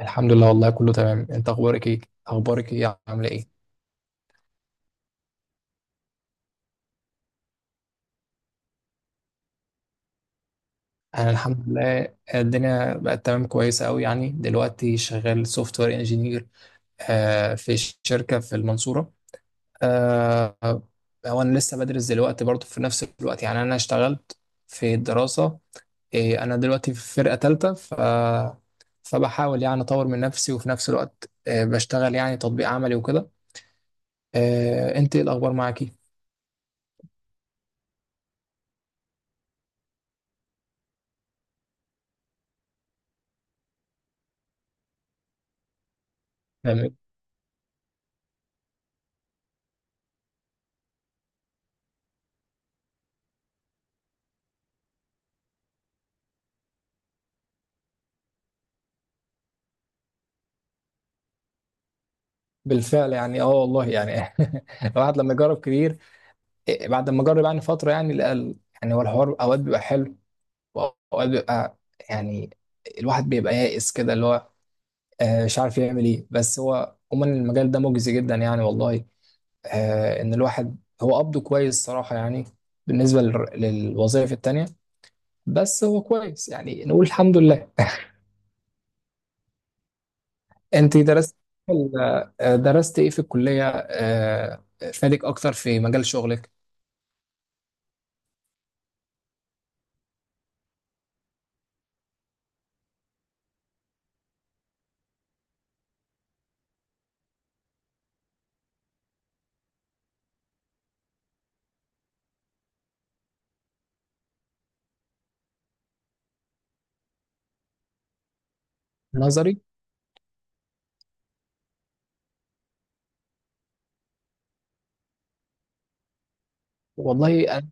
الحمد لله، والله كله تمام. انت اخبارك ايه؟ اخبارك ايه؟ عامله ايه؟ انا الحمد لله الدنيا بقت تمام، كويسه قوي. يعني دلوقتي شغال سوفت وير انجينير في شركه في المنصوره. آه، هو انا لسه بدرس دلوقتي برضه في نفس الوقت. يعني انا اشتغلت في الدراسه. انا دلوقتي في فرقه ثالثه، فبحاول يعني اطور من نفسي، وفي نفس الوقت بشتغل يعني تطبيق عملي وكده. انت ايه الاخبار معاكي؟ بالفعل يعني اه والله يعني الواحد لما يجرب كتير، بعد ما جرب يعني فتره يعني لقى يعني هو الحوار اوقات بيبقى حلو، واوقات بيبقى يعني الواحد بيبقى يائس كده، اللي هو مش عارف يعمل ايه. بس هو عموما المجال ده مجزي جدا يعني والله، ان الواحد هو قبضه كويس صراحه، يعني بالنسبه للوظائف التانيه. بس هو كويس يعني، نقول الحمد لله. انت درست، درست ايه في الكليه فادك اكتر في مجال شغلك؟ نظري. والله أنا.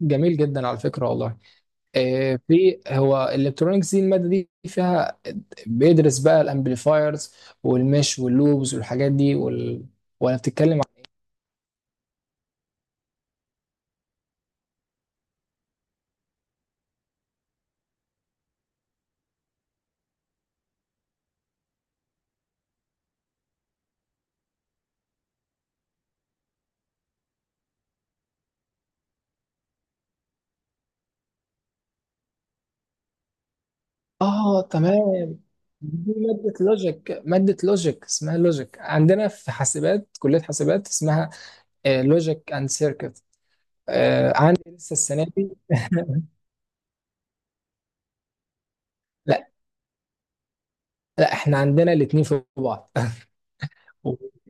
جميل جدا على فكرة والله. في هو الالكترونيكس دي، المادة دي فيها بيدرس بقى الامبليفايرز والمش واللوبز والحاجات دي ولا بتتكلم عن... اه تمام. دي مادة لوجيك، مادة لوجيك اسمها لوجيك عندنا في حاسبات، كلية حاسبات اسمها لوجيك اند سيركت. عندي لسه السنة دي. لا، لا احنا عندنا الاتنين في بعض.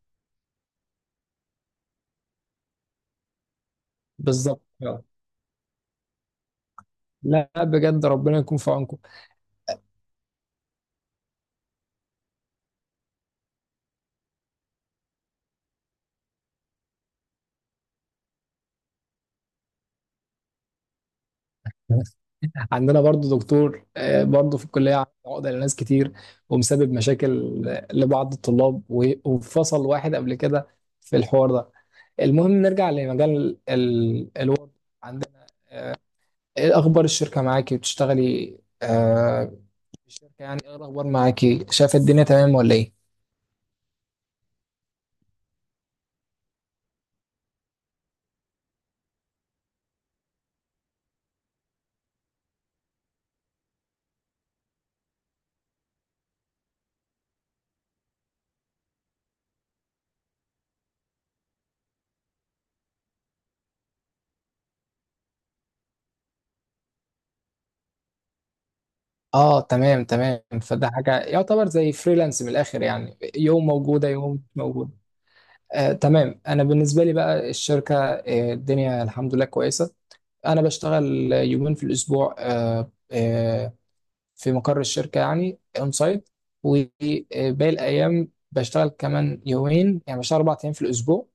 بالظبط. لا بجد ربنا يكون في عونكم. عندنا برضو دكتور برضو في الكلية عامل عقدة لناس كتير، ومسبب مشاكل لبعض الطلاب، وفصل واحد قبل كده في الحوار ده. المهم نرجع لمجال الوضع عندنا. ايه اخبار الشركة معاكي؟ بتشتغلي آه في الشركة، يعني ايه الاخبار معاكي؟ شايفة الدنيا تمام ولا ايه؟ اه تمام تمام. فده حاجة يعتبر زي فريلانس من الاخر، يعني يوم موجودة يوم مش موجودة. آه تمام. انا بالنسبة لي بقى الشركة آه الدنيا الحمد لله كويسة. انا بشتغل يومين في الاسبوع، في مقر الشركه يعني اون سايت، وباقي الايام بشتغل كمان يومين. يعني بشتغل اربع ايام في الاسبوع،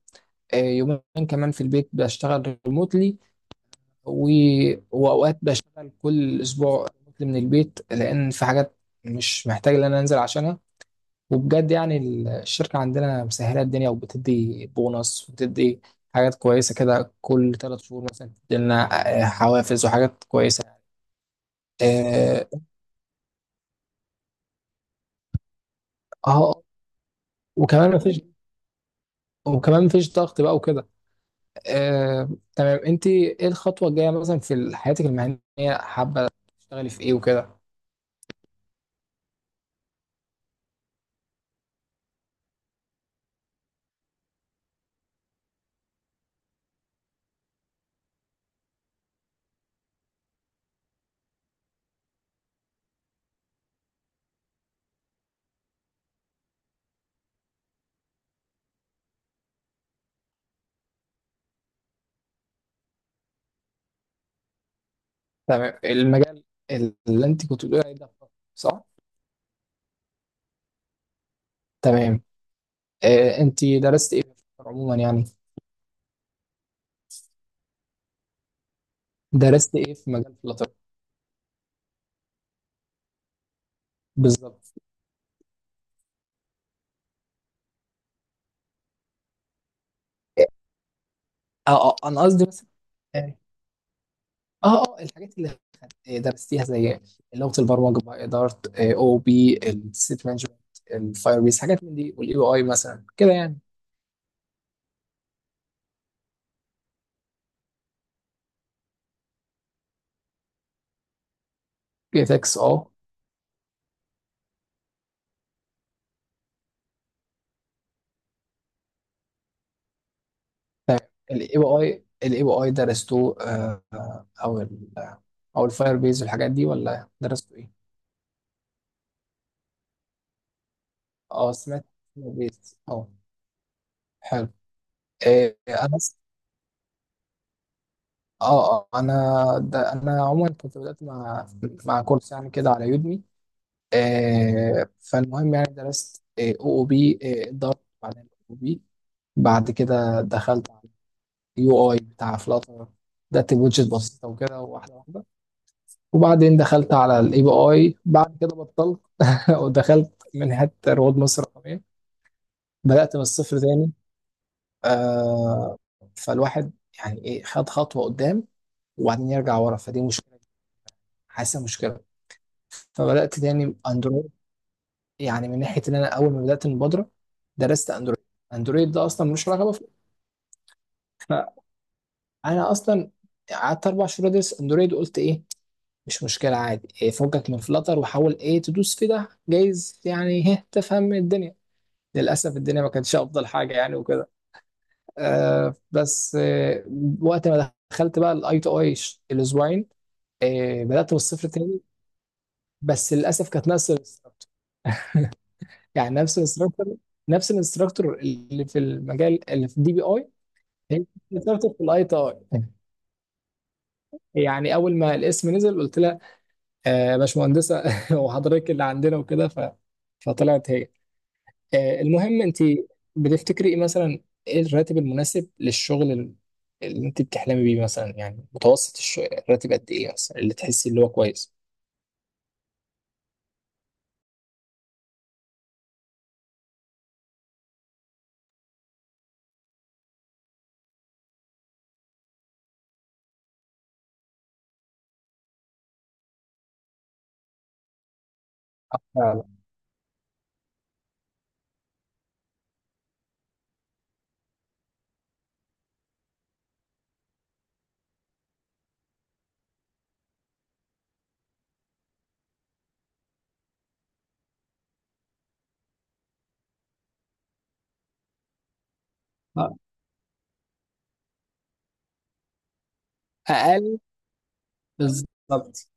يومين كمان في البيت بشتغل ريموتلي. واوقات بشتغل كل اسبوع ريموتلي من البيت، لان في حاجات مش محتاج ان انا انزل عشانها. وبجد يعني الشركه عندنا مسهله الدنيا، وبتدي بونص وبتدي حاجات كويسه كده. كل ثلاث شهور مثلا بتدي لنا حوافز وحاجات كويسه. اه آه، وكمان مفيش وكمان مفيش ضغط بقى وكده. آه، تمام. انت ايه الخطوه الجايه مثلا في حياتك المهنيه؟ حابه تشتغلي في ايه وكده؟ تمام، المجال اللي انت كنت بتقولي عليه ده؟ صح. تمام. انت درست ايه في عموما يعني؟ درست ايه في مجال فلاتر؟ بالظبط. اه اه انا قصدي بس. اه اه الحاجات اللي درستيها زي لغه البرمجه بقى، اداره او بي، السيت مانجمنت، الفاير بيس، حاجات من دي، والاي بي اي مثلا كده يعني. جي تكس، اه. الاي بي اي، الاي بي اي درستوه او ال، او الفاير بيز والحاجات دي، ولا درستوا ايه؟ اه سمعت فاير بيز، اه. حلو. إيه انا س- اه اه انا ده انا عموما كنت بدأت مع، مع كورس يعني كده على يودمي. إيه فالمهم يعني درست او او بي اداره، بعدين او بي، بعد كده دخلت على اليو اي بتاع فلاتر. بدأت بوجهة بسيطة وكده، واحدة واحدة. وبعدين دخلت على الاي بي اي، بعد كده بطلت ودخلت من حتة رواد مصر الرقمية، بدأت من الصفر تاني. آه فالواحد يعني ايه، خد خطوة قدام وبعدين يرجع ورا، فدي مشكلة، حاسة مشكلة. فبدأت تاني اندرويد. يعني من ناحية ان انا اول ما بدأت المبادرة درست اندرويد، اندرويد ده اصلا مش رغبة فيه. فانا اصلا قعدت اربع شهور ادرس اندرويد، وقلت ايه مش مشكلة عادي، فكك من فلتر وحاول ايه تدوس في ده، جايز يعني هه تفهم الدنيا. للأسف الدنيا ما كانتش أفضل حاجة يعني وكده. آه بس آه وقت ما دخلت بقى الاي تو اي الأسبوعين، آه بدأت من الصفر تاني. بس للأسف كانت نفس الانستراكتور، يعني نفس الانستراكتور، نفس الانستراكتور اللي في المجال، اللي في الدي بي اي، هي نفس الانستراكتور في الاي تي اي. يعني أول ما الاسم نزل قلت لها باشمهندسة، وحضرتك اللي عندنا وكده ف... فطلعت هي. المهم انت بتفتكري ايه مثلا، ايه الراتب المناسب اللي انت بتحلمي بيه مثلا؟ يعني متوسط الشغل، الراتب قد ايه مثلا اللي تحسي اللي هو كويس؟ فعلا. آه، اقل بالظبط.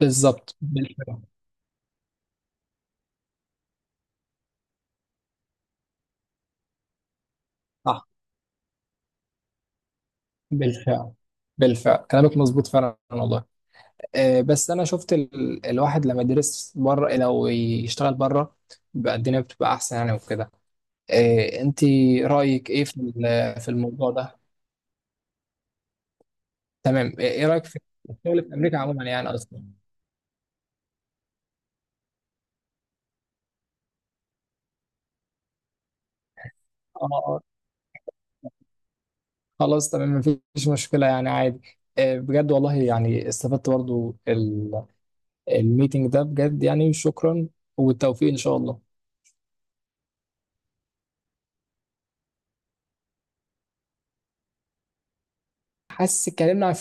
بالظبط بالفعل. صح، بالفعل. بالفعل كلامك مظبوط فعلا والله. أه بس انا شفت ال... الواحد لما يدرس بره، لو يشتغل بره بقى الدنيا بتبقى احسن يعني وكده. أه انت رايك ايه في في الموضوع ده؟ تمام. ايه إيه رايك في الشغل في امريكا عموما؟ يعني اصلا اه. آه، خلاص تمام، مفيش مشكله، يعني عادي. بجد والله يعني استفدت برضو الميتنج ده، بجد يعني شكرا، والتوفيق ان شاء الله. حاسس اتكلمنا عن